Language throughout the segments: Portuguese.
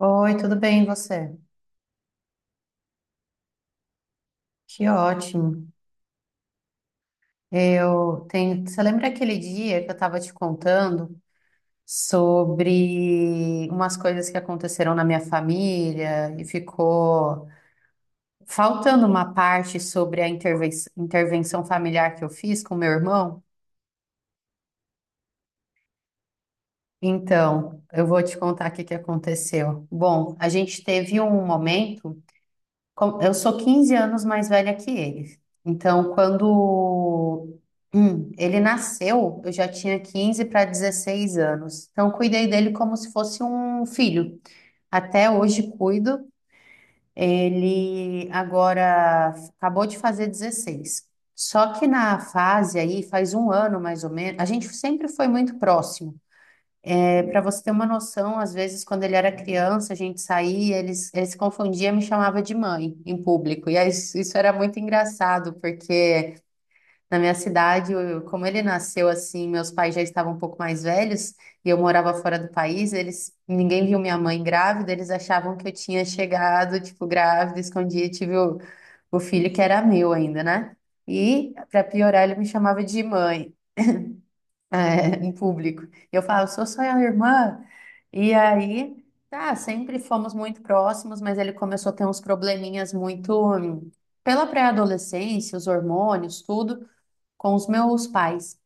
Oi, tudo bem, e você? Que ótimo. Eu tenho. Você lembra aquele dia que eu estava te contando sobre umas coisas que aconteceram na minha família e ficou faltando uma parte sobre a intervenção familiar que eu fiz com meu irmão? Então, eu vou te contar o que que aconteceu. Bom, a gente teve um momento. Eu sou 15 anos mais velha que ele. Então, quando ele nasceu, eu já tinha 15 para 16 anos. Então, cuidei dele como se fosse um filho. Até hoje cuido. Ele agora acabou de fazer 16. Só que na fase aí, faz um ano mais ou menos, a gente sempre foi muito próximo. Para você ter uma noção, às vezes, quando ele era criança, a gente saía, ele se confundia e me chamava de mãe em público. E aí, isso era muito engraçado, porque na minha cidade, como ele nasceu assim, meus pais já estavam um pouco mais velhos e eu morava fora do país, eles, ninguém viu minha mãe grávida, eles achavam que eu tinha chegado, tipo, grávida, escondia, tive o filho que era meu ainda, né? E, para piorar, ele me chamava de mãe em público. E eu falo, sou só a irmã. E aí, tá, sempre fomos muito próximos, mas ele começou a ter uns probleminhas muito pela pré-adolescência, os hormônios, tudo, com os meus pais.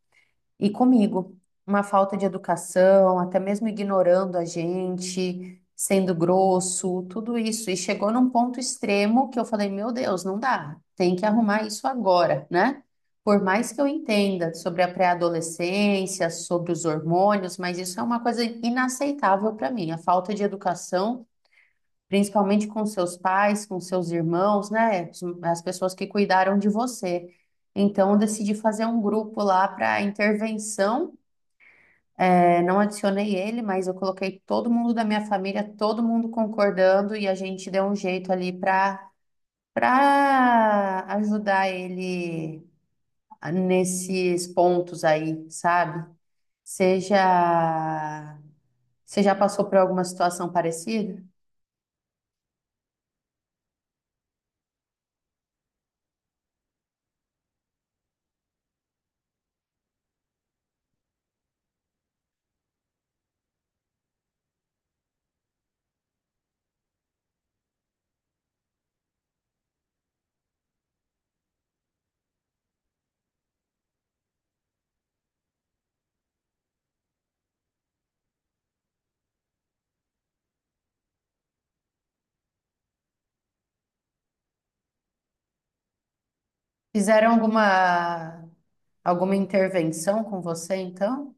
E comigo, uma falta de educação, até mesmo ignorando a gente, sendo grosso, tudo isso. E chegou num ponto extremo que eu falei: meu Deus, não dá, tem que arrumar isso agora, né? Por mais que eu entenda sobre a pré-adolescência, sobre os hormônios, mas isso é uma coisa inaceitável para mim, a falta de educação, principalmente com seus pais, com seus irmãos, né? As pessoas que cuidaram de você. Então, eu decidi fazer um grupo lá para intervenção não adicionei ele, mas eu coloquei todo mundo da minha família, todo mundo concordando e a gente deu um jeito ali para ajudar ele nesses pontos aí, sabe? Seja você já passou por alguma situação parecida? Fizeram alguma intervenção com você, então?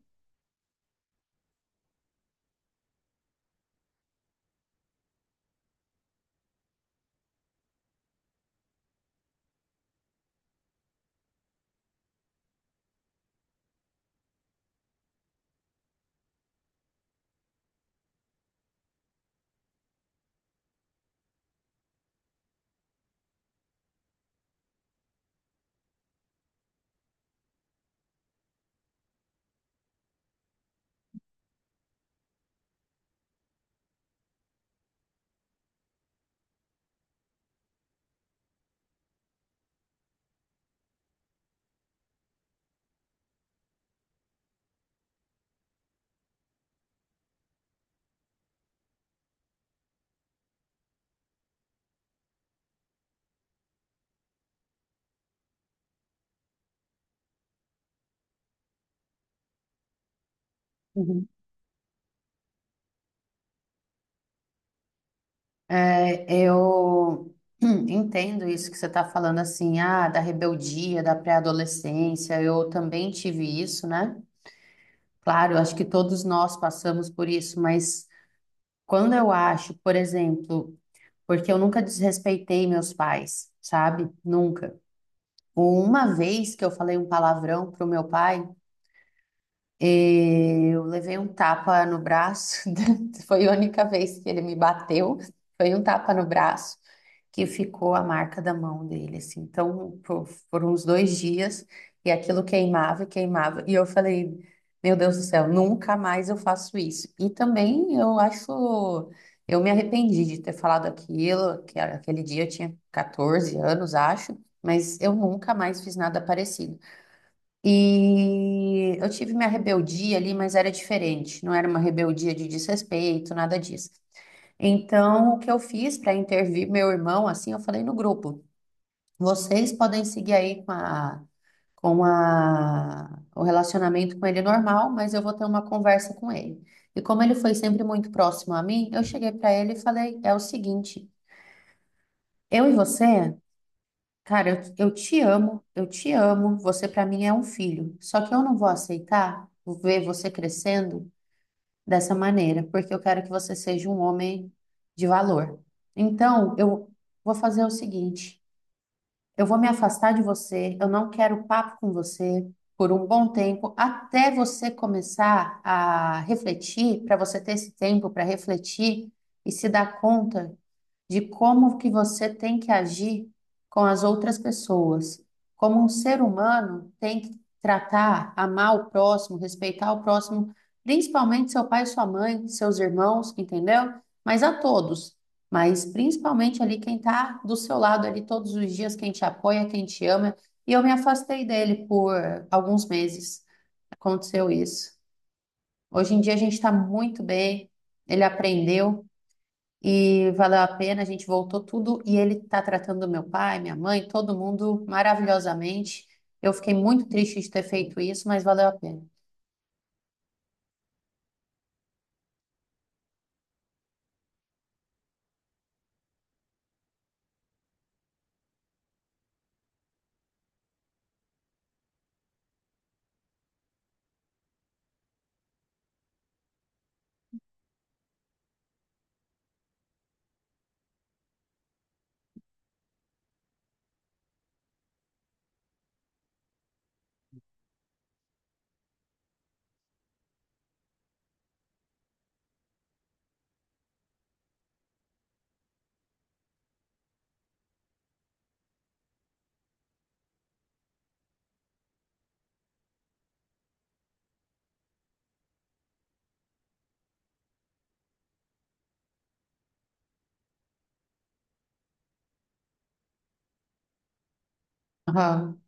É, eu entendo isso que você está falando, assim, ah, da rebeldia, da pré-adolescência. Eu também tive isso, né? Claro, eu acho que todos nós passamos por isso, mas quando eu acho, por exemplo, porque eu nunca desrespeitei meus pais, sabe? Nunca. Uma vez que eu falei um palavrão pro meu pai, eu levei um tapa no braço, foi a única vez que ele me bateu, foi um tapa no braço que ficou a marca da mão dele, assim. Então, por uns 2 dias, e aquilo queimava e queimava. E eu falei, meu Deus do céu, nunca mais eu faço isso. E também eu acho, eu me arrependi de ter falado aquilo, aquele dia eu tinha 14 anos, acho, mas eu nunca mais fiz nada parecido. E eu tive minha rebeldia ali, mas era diferente, não era uma rebeldia de desrespeito, nada disso. Então, o que eu fiz para intervir meu irmão, assim, eu falei no grupo: vocês podem seguir aí o relacionamento com ele normal, mas eu vou ter uma conversa com ele. E como ele foi sempre muito próximo a mim, eu cheguei para ele e falei: é o seguinte, eu e você. Cara, eu te amo, eu te amo. Você pra mim é um filho. Só que eu não vou aceitar ver você crescendo dessa maneira, porque eu quero que você seja um homem de valor. Então, eu vou fazer o seguinte: eu vou me afastar de você, eu não quero papo com você por um bom tempo, até você começar a refletir, para você ter esse tempo para refletir e se dar conta de como que você tem que agir com as outras pessoas. Como um ser humano tem que tratar, amar o próximo, respeitar o próximo, principalmente seu pai, sua mãe, seus irmãos, entendeu? Mas a todos. Mas principalmente ali quem está do seu lado ali todos os dias, quem te apoia, quem te ama. E eu me afastei dele por alguns meses. Aconteceu isso. Hoje em dia a gente está muito bem, ele aprendeu. E valeu a pena, a gente voltou tudo e ele tá tratando meu pai, minha mãe, todo mundo maravilhosamente. Eu fiquei muito triste de ter feito isso, mas valeu a pena. Aham.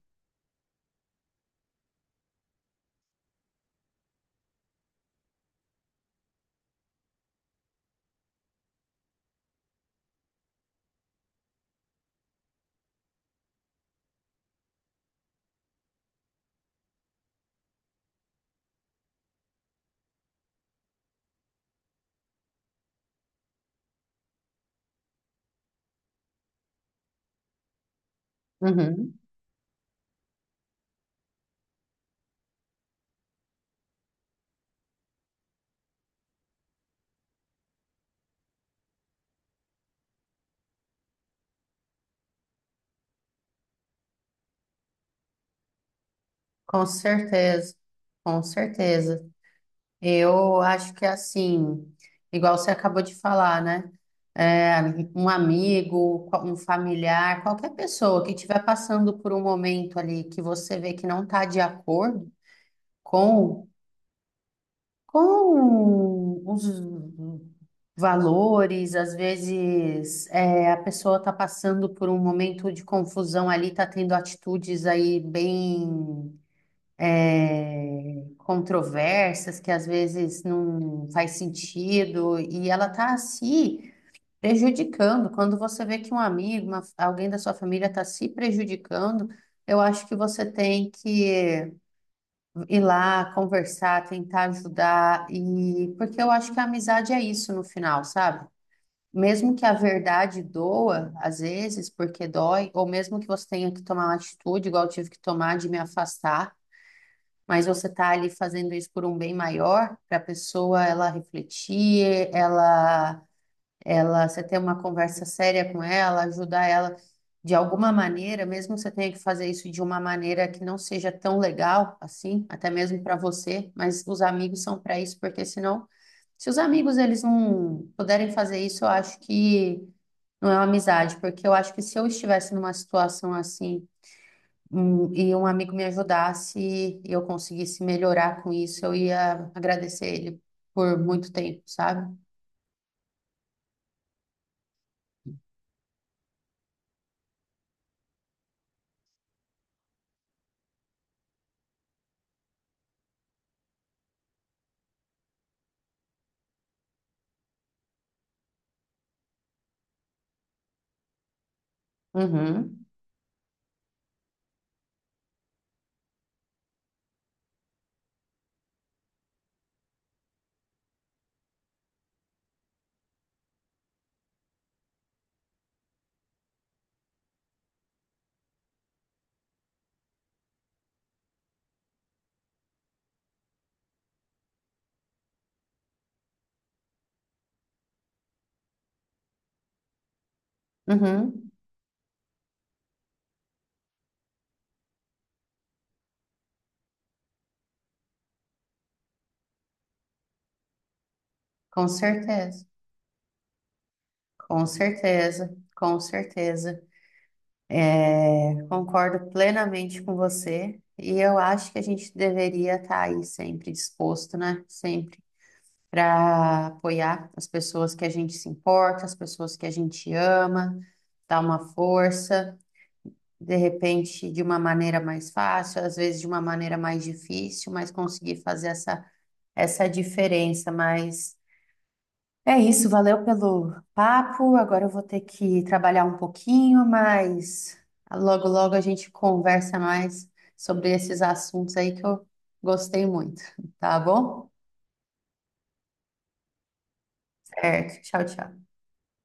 Uhum. Com certeza, com certeza. Eu acho que assim, igual você acabou de falar, né? É, um amigo, um familiar, qualquer pessoa que estiver passando por um momento ali que você vê que não está de acordo com, com os valores, às vezes a pessoa está passando por um momento de confusão ali, está tendo atitudes aí bem controversas, que às vezes não faz sentido, e ela está se prejudicando. Quando você vê que um amigo, alguém da sua família está se prejudicando, eu acho que você tem que ir lá conversar, tentar ajudar, e porque eu acho que a amizade é isso no final, sabe? Mesmo que a verdade doa, às vezes, porque dói, ou mesmo que você tenha que tomar uma atitude, igual eu tive que tomar de me afastar, mas você tá ali fazendo isso por um bem maior, para a pessoa ela refletir, você ter uma conversa séria com ela, ajudar ela de alguma maneira, mesmo que você tenha que fazer isso de uma maneira que não seja tão legal assim, até mesmo para você, mas os amigos são para isso, porque senão se os amigos eles não puderem fazer isso, eu acho que não é uma amizade, porque eu acho que se eu estivesse numa situação assim, e um amigo me ajudasse e eu conseguisse melhorar com isso, eu ia agradecer ele por muito tempo, sabe? Uhum, uhum, com certeza, com certeza, com certeza. É, concordo plenamente com você. E eu acho que a gente deveria estar aí sempre disposto, né? Sempre. Para apoiar as pessoas que a gente se importa, as pessoas que a gente ama, dar uma força, de repente de uma maneira mais fácil, às vezes de uma maneira mais difícil, mas conseguir fazer essa diferença. Mas é isso, valeu pelo papo. Agora eu vou ter que trabalhar um pouquinho, mas logo, logo a gente conversa mais sobre esses assuntos aí que eu gostei muito, tá bom? Certo, tchau, tchau.